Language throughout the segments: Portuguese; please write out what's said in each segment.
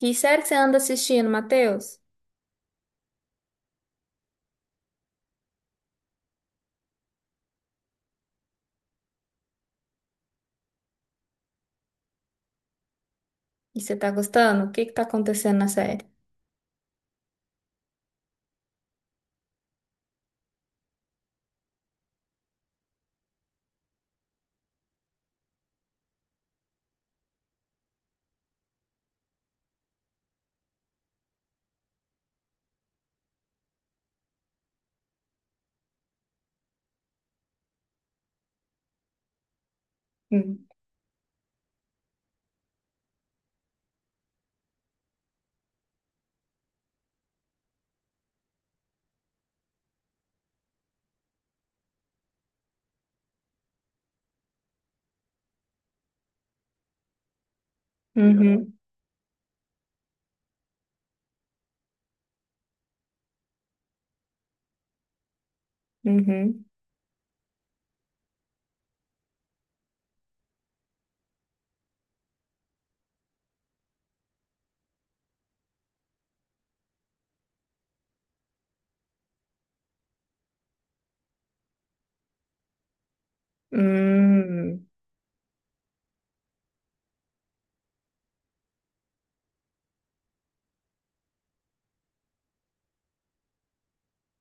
Que série que você anda assistindo, Matheus? E você tá gostando? O que que tá acontecendo na série? Hum. Uhum, uhum, hum.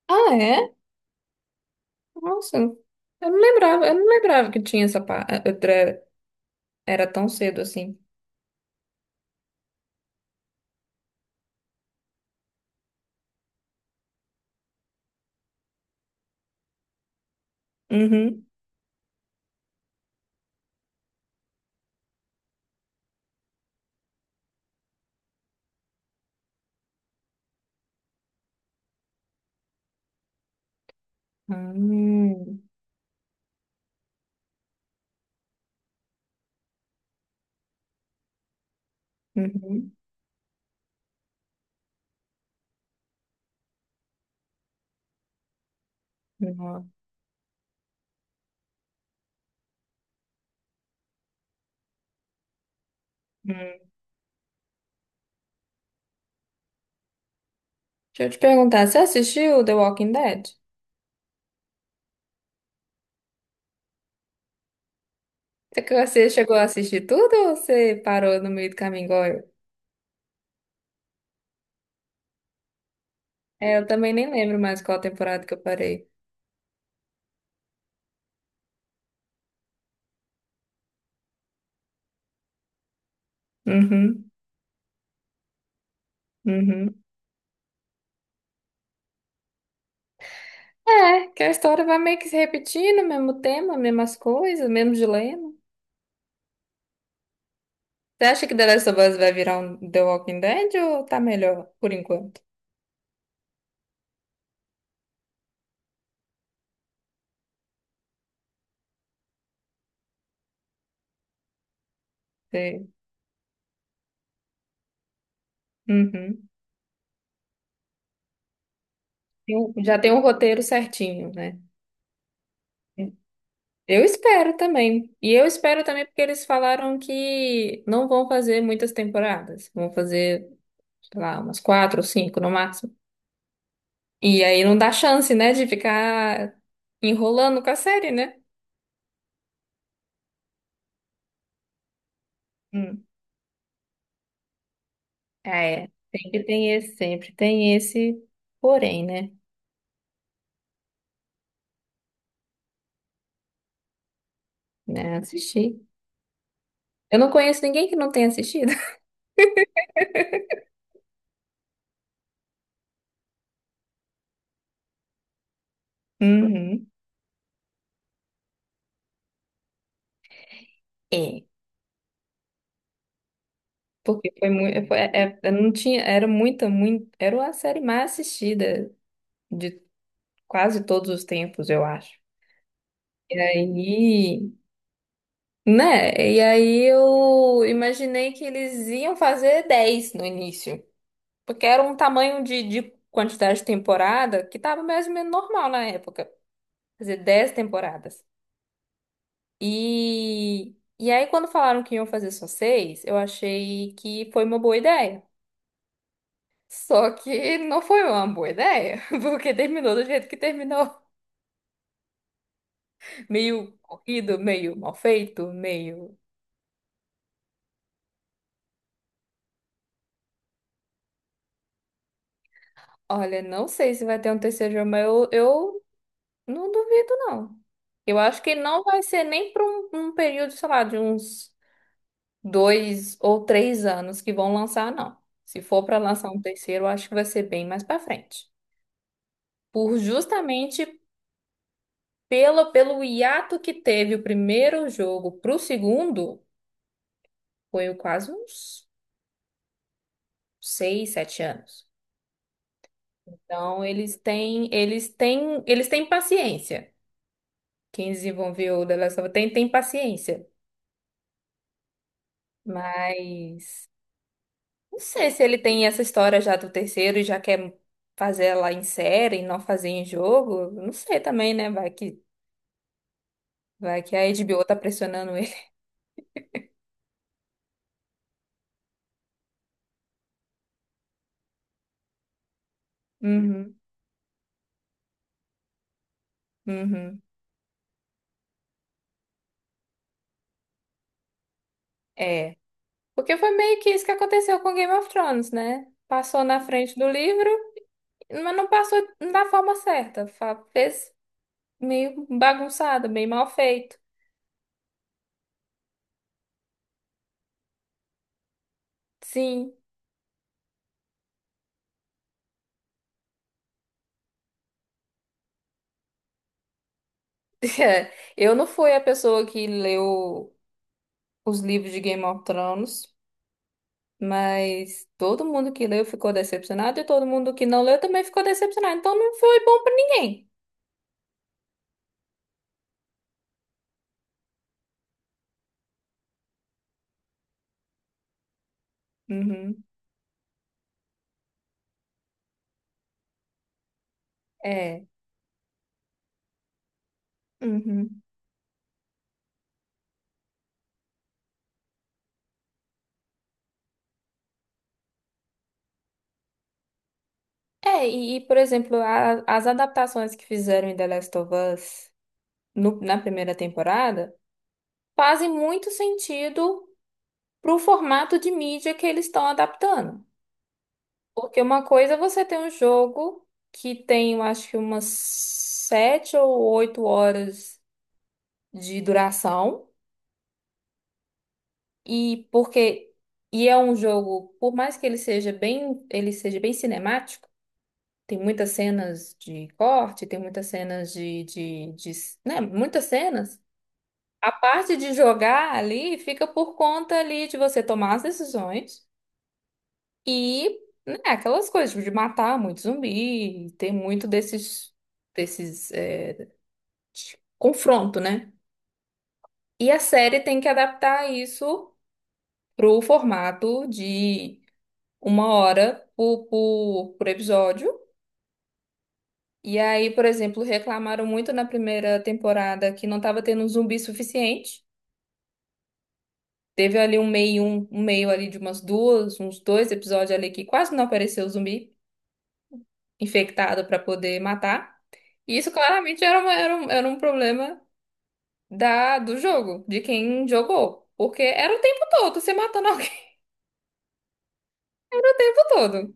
Ah, é? Nossa, eu não lembrava, que tinha essa Era tão cedo assim. Uhum. Hum, uhum. Nossa. Hum. Deixa eu te perguntar, você assistiu The Walking Dead? É que você chegou a assistir tudo ou você parou no meio do caminho igual eu? É, eu também nem lembro mais qual temporada que eu parei. Uhum, uhum. É, que a história vai meio que se repetindo, mesmo tema, mesmas coisas, mesmo dilema. Você acha que The Last of Us vai virar um The Walking Dead ou tá melhor por enquanto? Você- Uhum. Já tem um roteiro certinho, né? Eu espero também. E eu espero também porque eles falaram que não vão fazer muitas temporadas. Vão fazer, sei lá, umas quatro ou cinco no máximo. E aí não dá chance, né, de ficar enrolando com a série, né? É, sempre tem esse porém, né? Né, assistir. Eu não conheço ninguém que não tenha assistido. Uhum. É. Porque foi muito. Foi, não tinha, era muito. Era a série mais assistida de quase todos os tempos, eu acho. E aí. Né? E aí eu imaginei que eles iam fazer 10 no início. Porque era um tamanho de quantidade de temporada que estava mais ou menos normal na época. Fazer 10 temporadas. E, e aí, quando falaram que iam fazer só seis, eu achei que foi uma boa ideia. Só que não foi uma boa ideia, porque terminou do jeito que terminou. Meio corrido, meio mal feito, meio. Olha, não sei se vai ter um terceiro jogo, mas eu não duvido, não. Eu acho que não vai ser nem para um período, sei lá, de uns dois ou três anos que vão lançar, não. Se for para lançar um terceiro, eu acho que vai ser bem mais para frente por justamente pelo hiato que teve o primeiro jogo pro segundo, foi quase uns seis, sete anos. Então eles têm paciência. Quem desenvolveu o The Last of Us tem paciência. Mas não sei se ele tem essa história já do terceiro e já quer fazer ela em série e não fazer em jogo. Não sei também, né? Vai que a HBO tá pressionando ele. Uhum, uhum. É. Porque foi meio que isso que aconteceu com Game of Thrones, né? Passou na frente do livro, mas não passou da forma certa. Fez meio bagunçado, meio mal feito. Sim. Eu não fui a pessoa que leu os livros de Game of Thrones, mas todo mundo que leu ficou decepcionado e todo mundo que não leu também ficou decepcionado. Então não foi bom pra ninguém. Uhum. É. Uhum. É, por exemplo, as adaptações que fizeram em The Last of Us na primeira temporada fazem muito sentido pro formato de mídia que eles estão adaptando. Porque uma coisa é você ter um jogo que tem, eu acho que umas sete ou oito horas de duração, e porque e é um jogo, por mais que ele seja bem cinemático, tem muitas cenas de corte, tem muitas cenas né, muitas cenas. A parte de jogar ali fica por conta ali de você tomar as decisões e, né, aquelas coisas tipo, de matar muito zumbi, tem muito desses, desses é, de confronto, né? E a série tem que adaptar isso pro formato de uma hora por episódio. E aí, por exemplo, reclamaram muito na primeira temporada que não estava tendo zumbi suficiente. Teve ali um meio ali de umas duas, uns dois episódios ali que quase não apareceu zumbi infectado para poder matar. E isso claramente era era um problema do jogo, de quem jogou. Porque era o tempo todo, você matando alguém o tempo todo.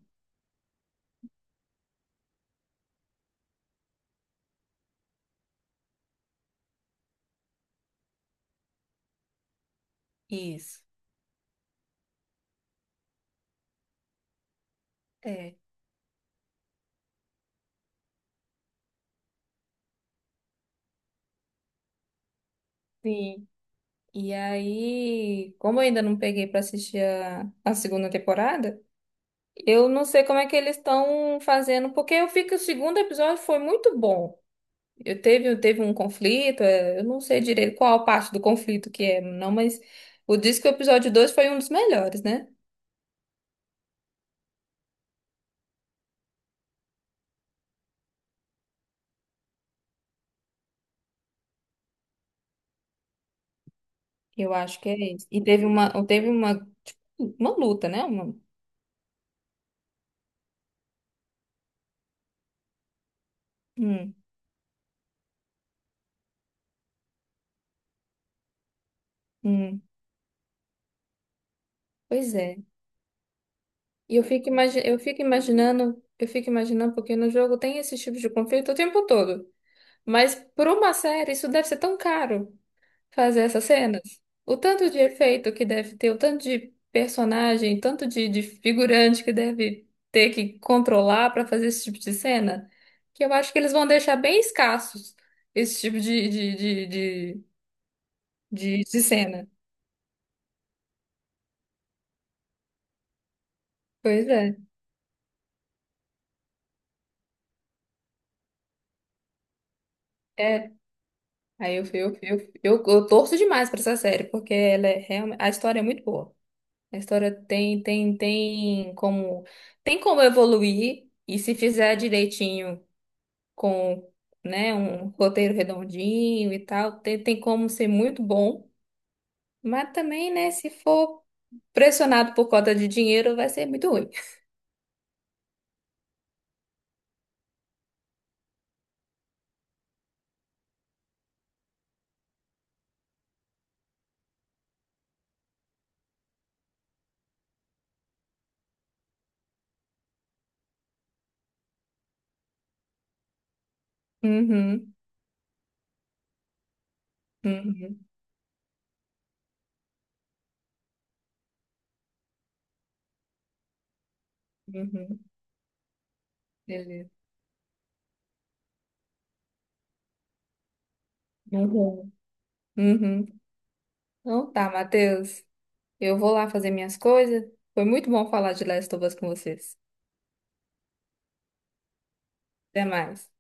Isso. É, sim. E aí, como eu ainda não peguei pra assistir a segunda temporada, eu não sei como é que eles estão fazendo, porque eu vi que o segundo episódio foi muito bom. Teve um conflito, é, eu não sei direito qual parte do conflito que é, não, mas o diz que o episódio 2 foi um dos melhores, né? Eu acho que é esse. E teve uma luta, né? Uma, hum, hum. Pois é. E eu fico imaginando, porque no jogo tem esse tipo de conflito o tempo todo. Mas por uma série, isso deve ser tão caro. Fazer essas cenas. O tanto de efeito que deve ter, o tanto de personagem, tanto de figurante que deve ter que controlar para fazer esse tipo de cena, que eu acho que eles vão deixar bem escassos esse tipo de cena. Pois é. É. Aí eu torço demais para essa série, porque ela é realmente, a história é muito boa. A história tem como evoluir, e se fizer direitinho. Com, né, um roteiro redondinho e tal, tem, tem como ser muito bom, mas também, né, se for pressionado por conta de dinheiro, vai ser muito ruim. Uhum, uhum, uhum. Beleza. Uhum. Uhum. Então tá, Matheus. Eu vou lá fazer minhas coisas. Foi muito bom falar de Last of Us com vocês. Até mais.